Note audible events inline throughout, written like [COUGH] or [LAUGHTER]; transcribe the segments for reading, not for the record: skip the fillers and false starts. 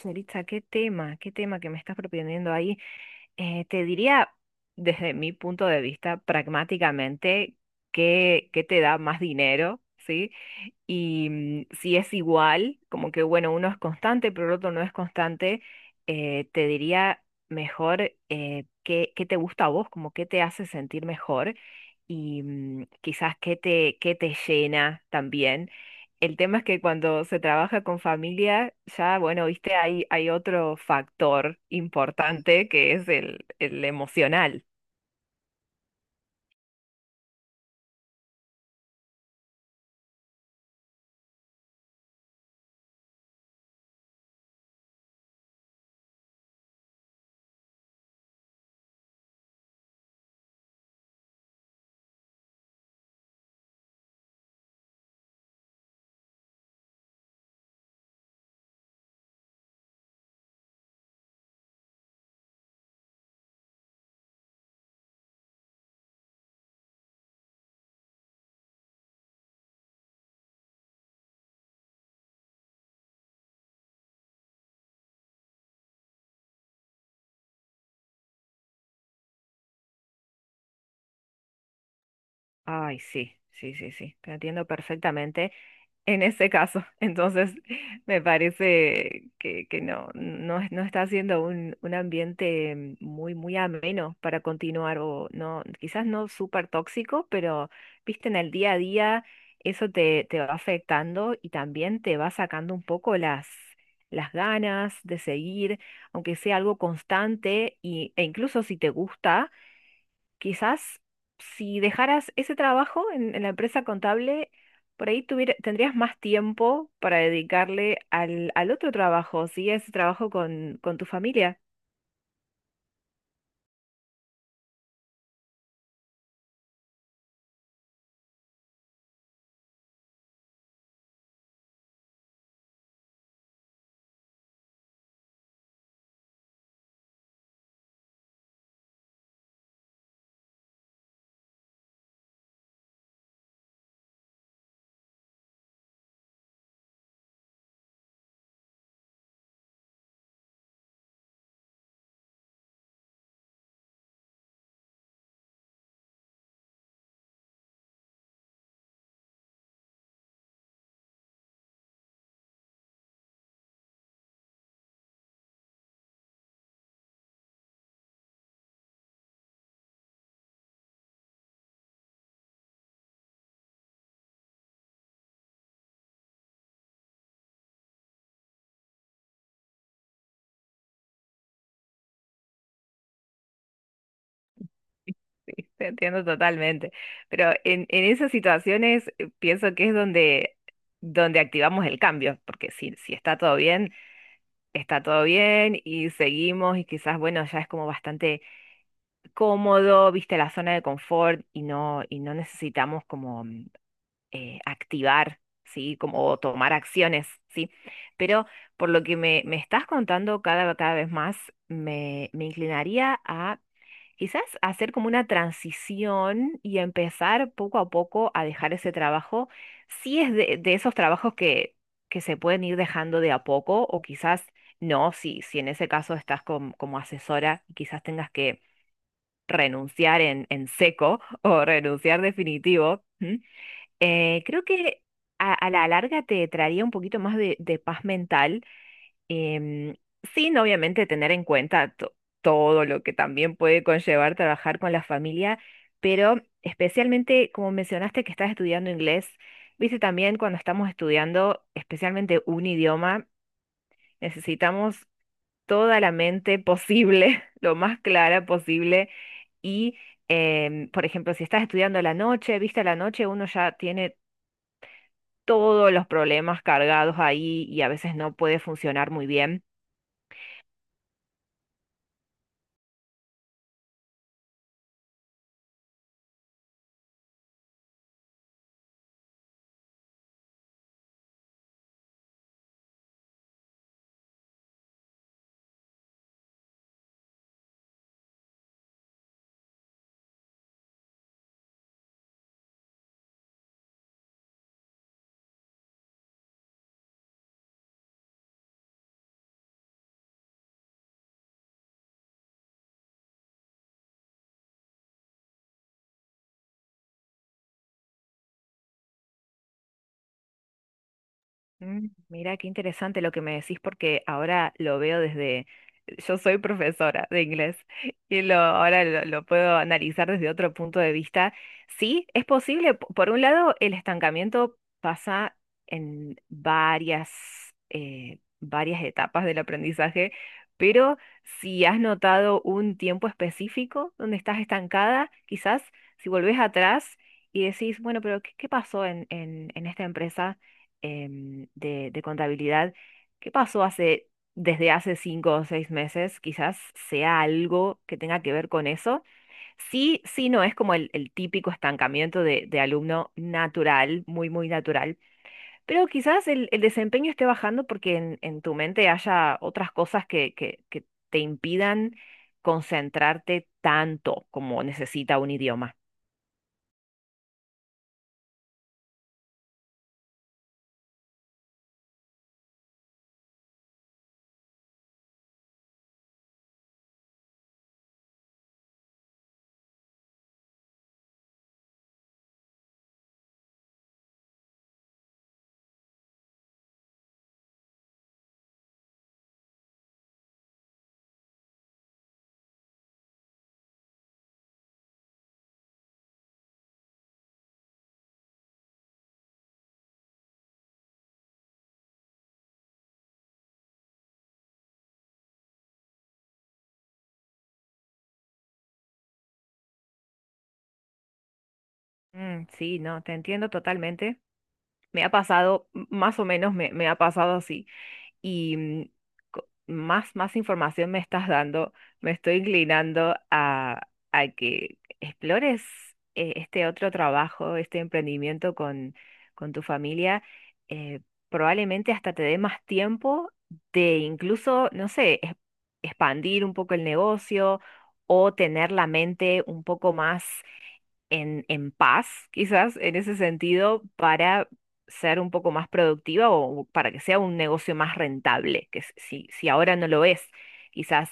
Cerita, qué tema que me estás proponiendo ahí. Te diría, desde mi punto de vista, pragmáticamente, qué te da más dinero, ¿sí? Y si es igual, como que bueno, uno es constante, pero el otro no es constante, te diría mejor. Qué te gusta a vos, como qué te hace sentir mejor y quizás qué qué te llena también. El tema es que cuando se trabaja con familia, ya, bueno, viste, hay otro factor importante que es el emocional. Ay, sí, sí, sí, sí, te entiendo perfectamente. En ese caso. [LAUGHS] Entonces, me parece que no, no, no está siendo un ambiente muy ameno para continuar, o no, quizás no súper tóxico, pero viste, en el día a día eso te va afectando y también te va sacando un poco las ganas de seguir, aunque sea algo constante, e incluso si te gusta quizás, si dejaras ese trabajo en la empresa contable, por ahí tendrías más tiempo para dedicarle al otro trabajo, sí, a ese trabajo con tu familia. [LAUGHS] Sí, te entiendo totalmente. Pero en esas situaciones pienso que es donde, donde activamos el cambio, porque si está todo bien, está todo bien y seguimos y quizás, bueno, ya es como bastante cómodo, viste, la zona de confort y no necesitamos como... activar, ¿sí? Como tomar acciones, ¿sí? Pero por lo que me estás contando cada vez más, me inclinaría a quizás hacer como una transición y empezar poco a poco a dejar ese trabajo, si es de esos trabajos que se pueden ir dejando de a poco o quizás no, si, si en ese caso estás como asesora y quizás tengas que renunciar en seco [LAUGHS] o renunciar definitivo. ¿M? Creo que a la larga te traería un poquito más de paz mental, em, sin obviamente tener en cuenta todo lo que también puede conllevar trabajar con la familia, pero especialmente como mencionaste que estás estudiando inglés, viste también cuando estamos estudiando especialmente un idioma, necesitamos toda la mente posible, [LAUGHS] lo más clara posible. Y, por ejemplo, si estás estudiando a la noche, viste, a la noche uno ya tiene todos los problemas cargados ahí y a veces no puede funcionar muy bien. Mira, qué interesante lo que me decís porque ahora lo veo desde, yo soy profesora de inglés y lo, ahora lo puedo analizar desde otro punto de vista. Sí, es posible. Por un lado, el estancamiento pasa en varias, varias etapas del aprendizaje, pero si has notado un tiempo específico donde estás estancada, quizás si volvés atrás y decís, bueno, pero ¿qué, qué pasó en, en esta empresa? De contabilidad, ¿qué pasó hace, desde hace cinco o seis meses? Quizás sea algo que tenga que ver con eso. Sí, sí, no es como el típico estancamiento de alumno natural, muy, muy natural, pero quizás el desempeño esté bajando porque en tu mente haya otras cosas que te impidan concentrarte tanto como necesita un idioma. Sí, no, te entiendo totalmente. Me ha pasado, más o menos me ha pasado así. Y más, más información me estás dando, me estoy inclinando a que explores este otro trabajo, este emprendimiento con tu familia. eh, Probablemente hasta te dé más tiempo de incluso, no sé, expandir un poco el negocio o tener la mente un poco más en paz, quizás, en ese sentido, para ser un poco más productiva o para que sea un negocio más rentable, que si, si ahora no lo es, quizás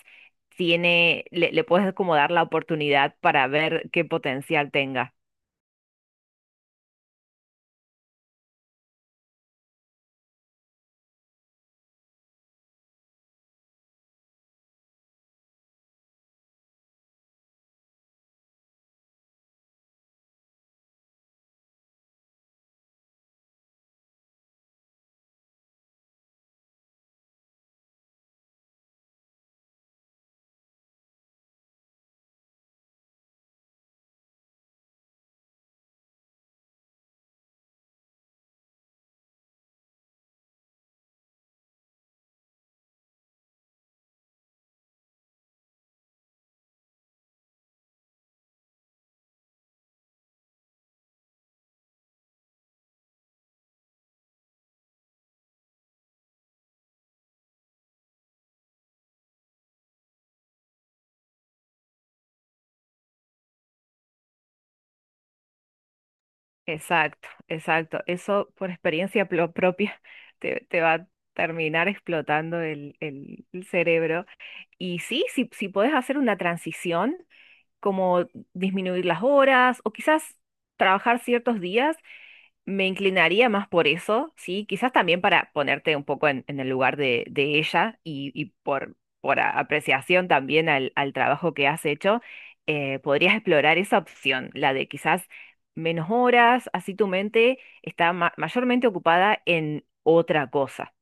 le puedes como dar la oportunidad para ver qué potencial tenga. Exacto, exacto. Eso por experiencia propia [LAUGHS] te va a terminar explotando el cerebro. Y sí, si, si puedes hacer una transición como disminuir las horas o quizás trabajar ciertos días, me inclinaría más por eso, ¿sí? Quizás también para ponerte un poco en el lugar de ella y por apreciación también al trabajo que has hecho, podrías explorar esa opción, la de quizás menos horas, así tu mente está mayormente ocupada en otra cosa.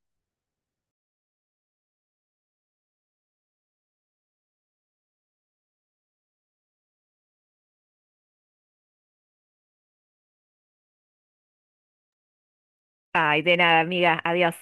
Ay, de nada, amiga, adiós.